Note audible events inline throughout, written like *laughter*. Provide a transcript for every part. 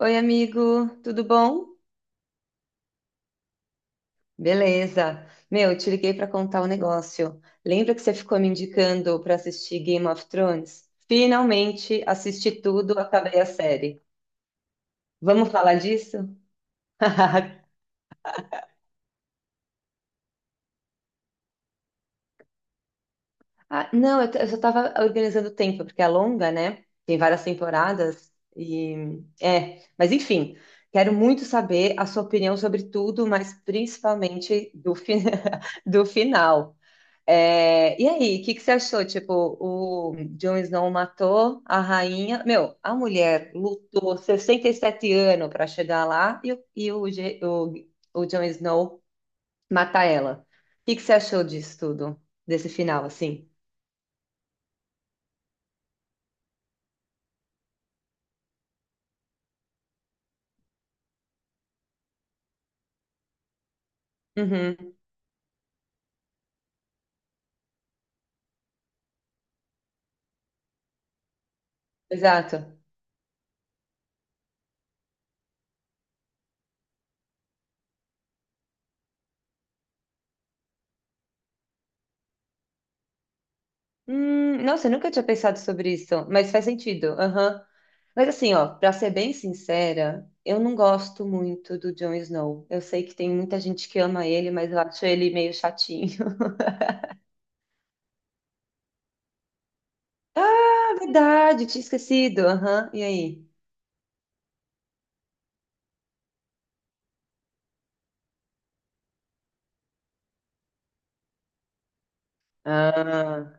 Oi, amigo, tudo bom? Beleza. Meu, te liguei para contar um negócio. Lembra que você ficou me indicando para assistir Game of Thrones? Finalmente assisti tudo, acabei a série. Vamos falar disso? *laughs* Ah, não, eu só estava organizando o tempo, porque é longa, né? Tem várias temporadas e é, mas enfim, quero muito saber a sua opinião sobre tudo, mas principalmente *laughs* do final. É, e aí, o que que você achou? Tipo, o Jon Snow matou a rainha. Meu, a mulher lutou 67 anos para chegar lá e o Jon Snow mata ela. O que que você achou disso tudo? Desse final, assim? Uhum, exato. Nossa, eu nunca tinha pensado sobre isso, mas faz sentido. Aham. Mas assim, ó, pra ser bem sincera, eu não gosto muito do Jon Snow. Eu sei que tem muita gente que ama ele, mas eu acho ele meio chatinho. Ah, verdade, tinha esquecido. Aham, e aí? Ah,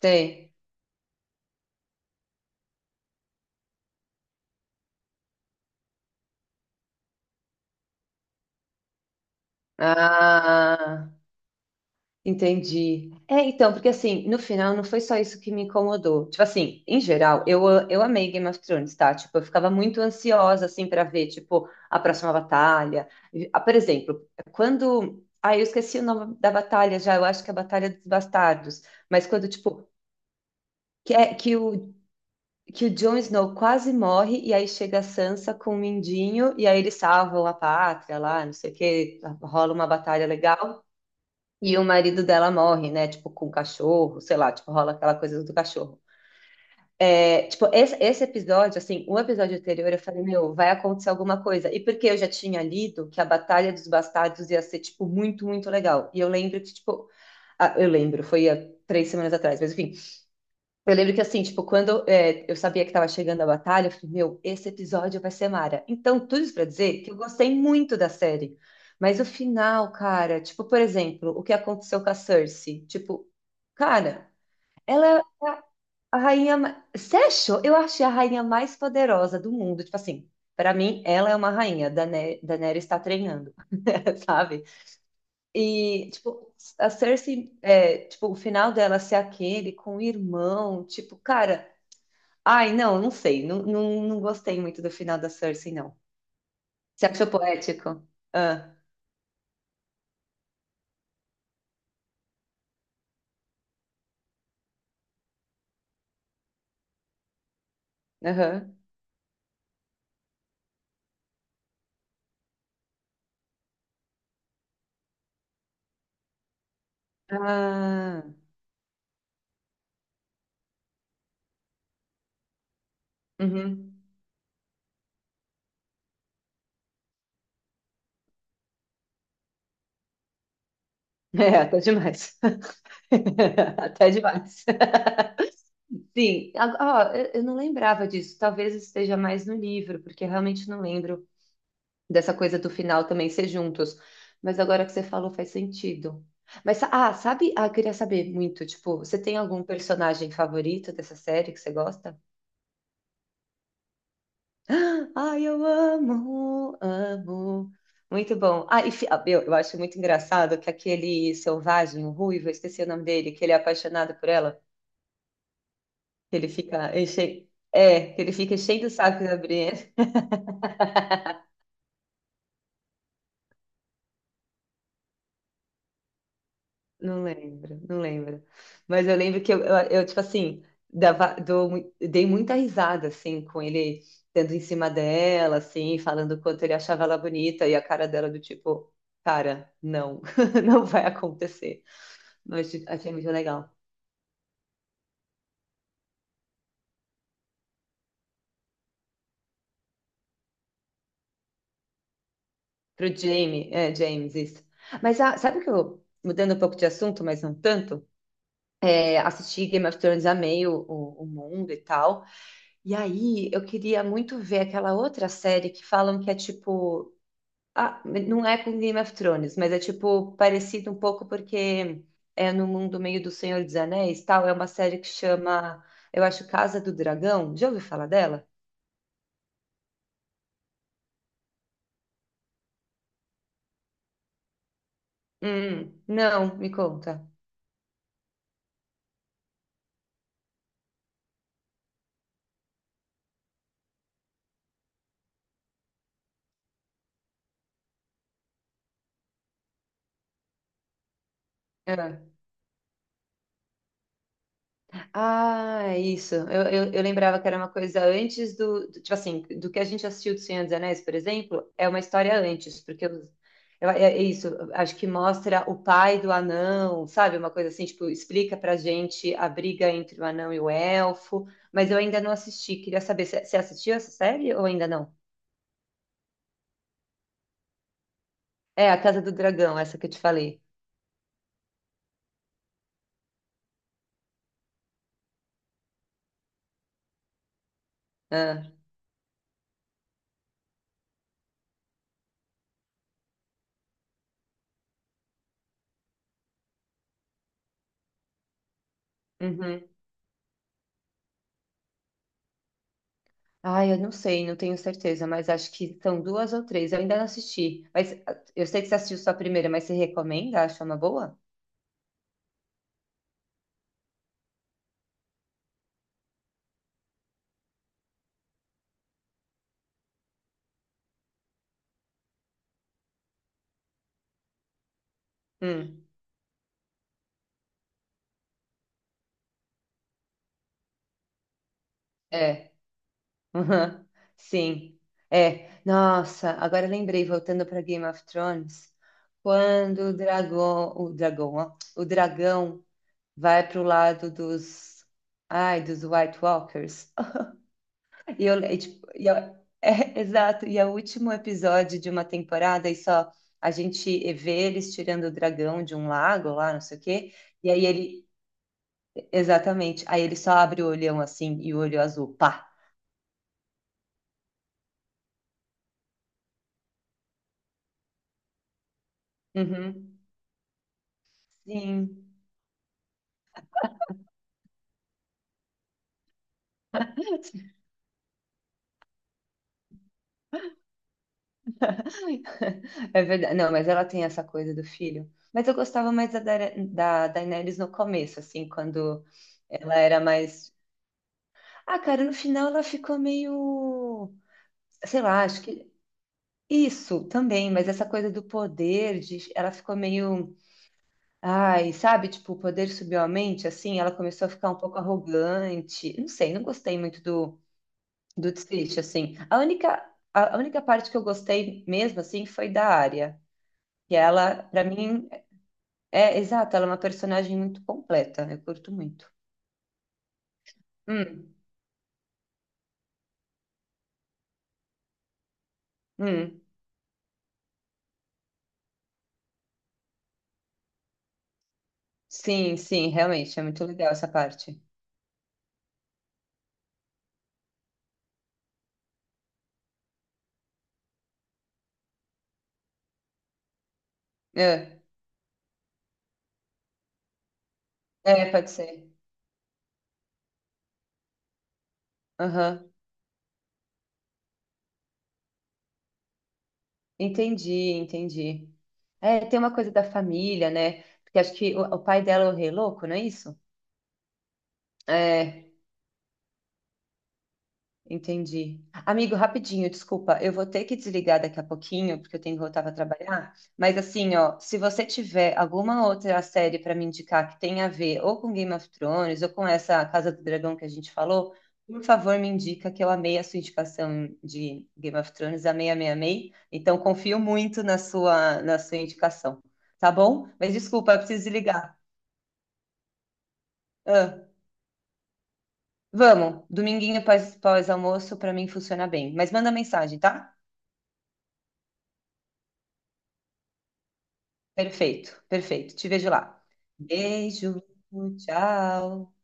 tem. Ah, entendi. É, então, porque assim, no final não foi só isso que me incomodou. Tipo assim, em geral, eu amei Game of Thrones, tá? Tipo, eu ficava muito ansiosa, assim, pra ver, tipo, a próxima batalha. Ah, por exemplo, quando. Ah, eu esqueci o nome da batalha já, eu acho que é a Batalha dos Bastardos. Mas quando, tipo, que, é, que o que o Jon Snow quase morre e aí chega a Sansa com o Mindinho e aí eles salvam a pátria lá, não sei o que, rola uma batalha legal e o marido dela morre, né? Tipo, com o cachorro, sei lá, tipo, rola aquela coisa do cachorro. É, tipo, esse episódio, assim, o episódio anterior eu falei, meu, vai acontecer alguma coisa. E porque eu já tinha lido que a Batalha dos Bastardos ia ser, tipo, muito legal. E eu lembro que, tipo, ah, eu lembro, foi há 3 semanas atrás, mas enfim, eu lembro que assim, tipo, quando é, eu sabia que estava chegando a batalha, eu falei, meu, esse episódio vai ser mara. Então, tudo isso para dizer que eu gostei muito da série. Mas o final, cara, tipo, por exemplo, o que aconteceu com a Cersei? Tipo, cara, ela é a rainha. Você achou? Eu achei a rainha mais poderosa do mundo. Tipo assim, para mim, ela é uma rainha. Daenerys está treinando, *laughs* sabe? E, tipo, a Cersei, é, tipo, o final dela ser aquele com o irmão, tipo, cara. Ai, não, não sei. Não, não, não gostei muito do final da Cersei, não. Você achou poético? Ah, aham. Ah, uhum. *laughs* É, até demais. *laughs* Até demais. Sim, ó, eu não lembrava disso. Talvez esteja mais no livro, porque eu realmente não lembro dessa coisa do final também ser juntos. Mas agora que você falou, faz sentido. Mas, sabe? Ah, eu queria saber muito, tipo, você tem algum personagem favorito dessa série que você gosta? Ai, eu amo, amo. Muito bom. Ah, meu, eu acho muito engraçado que aquele selvagem, o ruivo, eu esqueci o nome dele, que ele é apaixonado por ela, que ele fica enche... é, que ele fica cheio do saco da Brienne. Não lembro, não lembro. Mas eu lembro que eu, tipo assim, dei muita risada, assim, com ele dando em cima dela, assim, falando o quanto ele achava ela bonita, e a cara dela do tipo, cara, não, *laughs* não vai acontecer. Noite, achei muito legal. Pro Jamie, é, James, isso. Mas ah, sabe o que eu, mudando um pouco de assunto, mas não tanto, é, assisti Game of Thrones, amei o mundo e tal. E aí eu queria muito ver aquela outra série que falam que é tipo. Ah, não é com Game of Thrones, mas é tipo parecido um pouco porque é no mundo meio do Senhor dos Anéis, tal. É uma série que chama, eu acho, Casa do Dragão. Já ouviu falar dela? Não, me conta. Ah. Ah, é isso. Eu lembrava que era uma coisa antes tipo assim, do que a gente assistiu do Senhor dos Anéis, por exemplo, é uma história antes, porque eu, é, é isso. Acho que mostra o pai do anão, sabe? Uma coisa assim, tipo, explica pra gente a briga entre o anão e o elfo. Mas eu ainda não assisti. Queria saber, você assistiu essa série ou ainda não? É, a Casa do Dragão, essa que eu te falei. Ah, uhum. Ai, eu não sei, não tenho certeza, mas acho que são duas ou três. Eu ainda não assisti. Mas ah, eu sei que você assistiu só a primeira, mas você recomenda? Acha uma boa? Hum, é. *laughs* Uhum. Sim. É. Nossa, agora lembrei, voltando para Game of Thrones, quando o dragão vai pro lado dos, ai, dos White Walkers. E eu, e, tipo, e a- é, *laughs* exato, e é o último episódio de uma temporada, e só a gente vê eles tirando o dragão de um lago lá, não sei o quê, e aí ele, exatamente, aí ele só abre o olhão assim, e o olho azul, pá. Uhum. Sim. *laughs* É verdade. Não, mas ela tem essa coisa do filho. Mas eu gostava mais da, da Daenerys no começo, assim, quando ela era mais. Ah, cara, no final ela ficou meio. Sei lá, acho que isso também, mas essa coisa do poder, ela ficou meio, ai, sabe, tipo, o poder subiu a mente, assim, ela começou a ficar um pouco arrogante. Não sei, não gostei muito do, do desfecho, assim. A única parte que eu gostei mesmo, assim, foi da área. E ela, pra mim, é exato, ela é uma personagem muito completa, eu curto muito. Hum, hum, sim, sim, realmente, é muito legal essa parte. É, é, pode ser. Entendi, entendi. É, tem uma coisa da família, né? Porque acho que o pai dela é o rei louco, não é isso? É. Entendi. Amigo, rapidinho, desculpa, eu vou ter que desligar daqui a pouquinho, porque eu tenho que voltar para trabalhar. Mas assim, ó, se você tiver alguma outra série para me indicar que tenha a ver ou com Game of Thrones ou com essa Casa do Dragão que a gente falou, por favor, me indica que eu amei a sua indicação de Game of Thrones, amei, amei, amei. Então confio muito na sua indicação, tá bom? Mas desculpa, eu preciso desligar. Ah, vamos, dominguinho pós, pós-almoço para mim funciona bem. Mas manda mensagem, tá? Perfeito, perfeito. Te vejo lá. Beijo, tchau.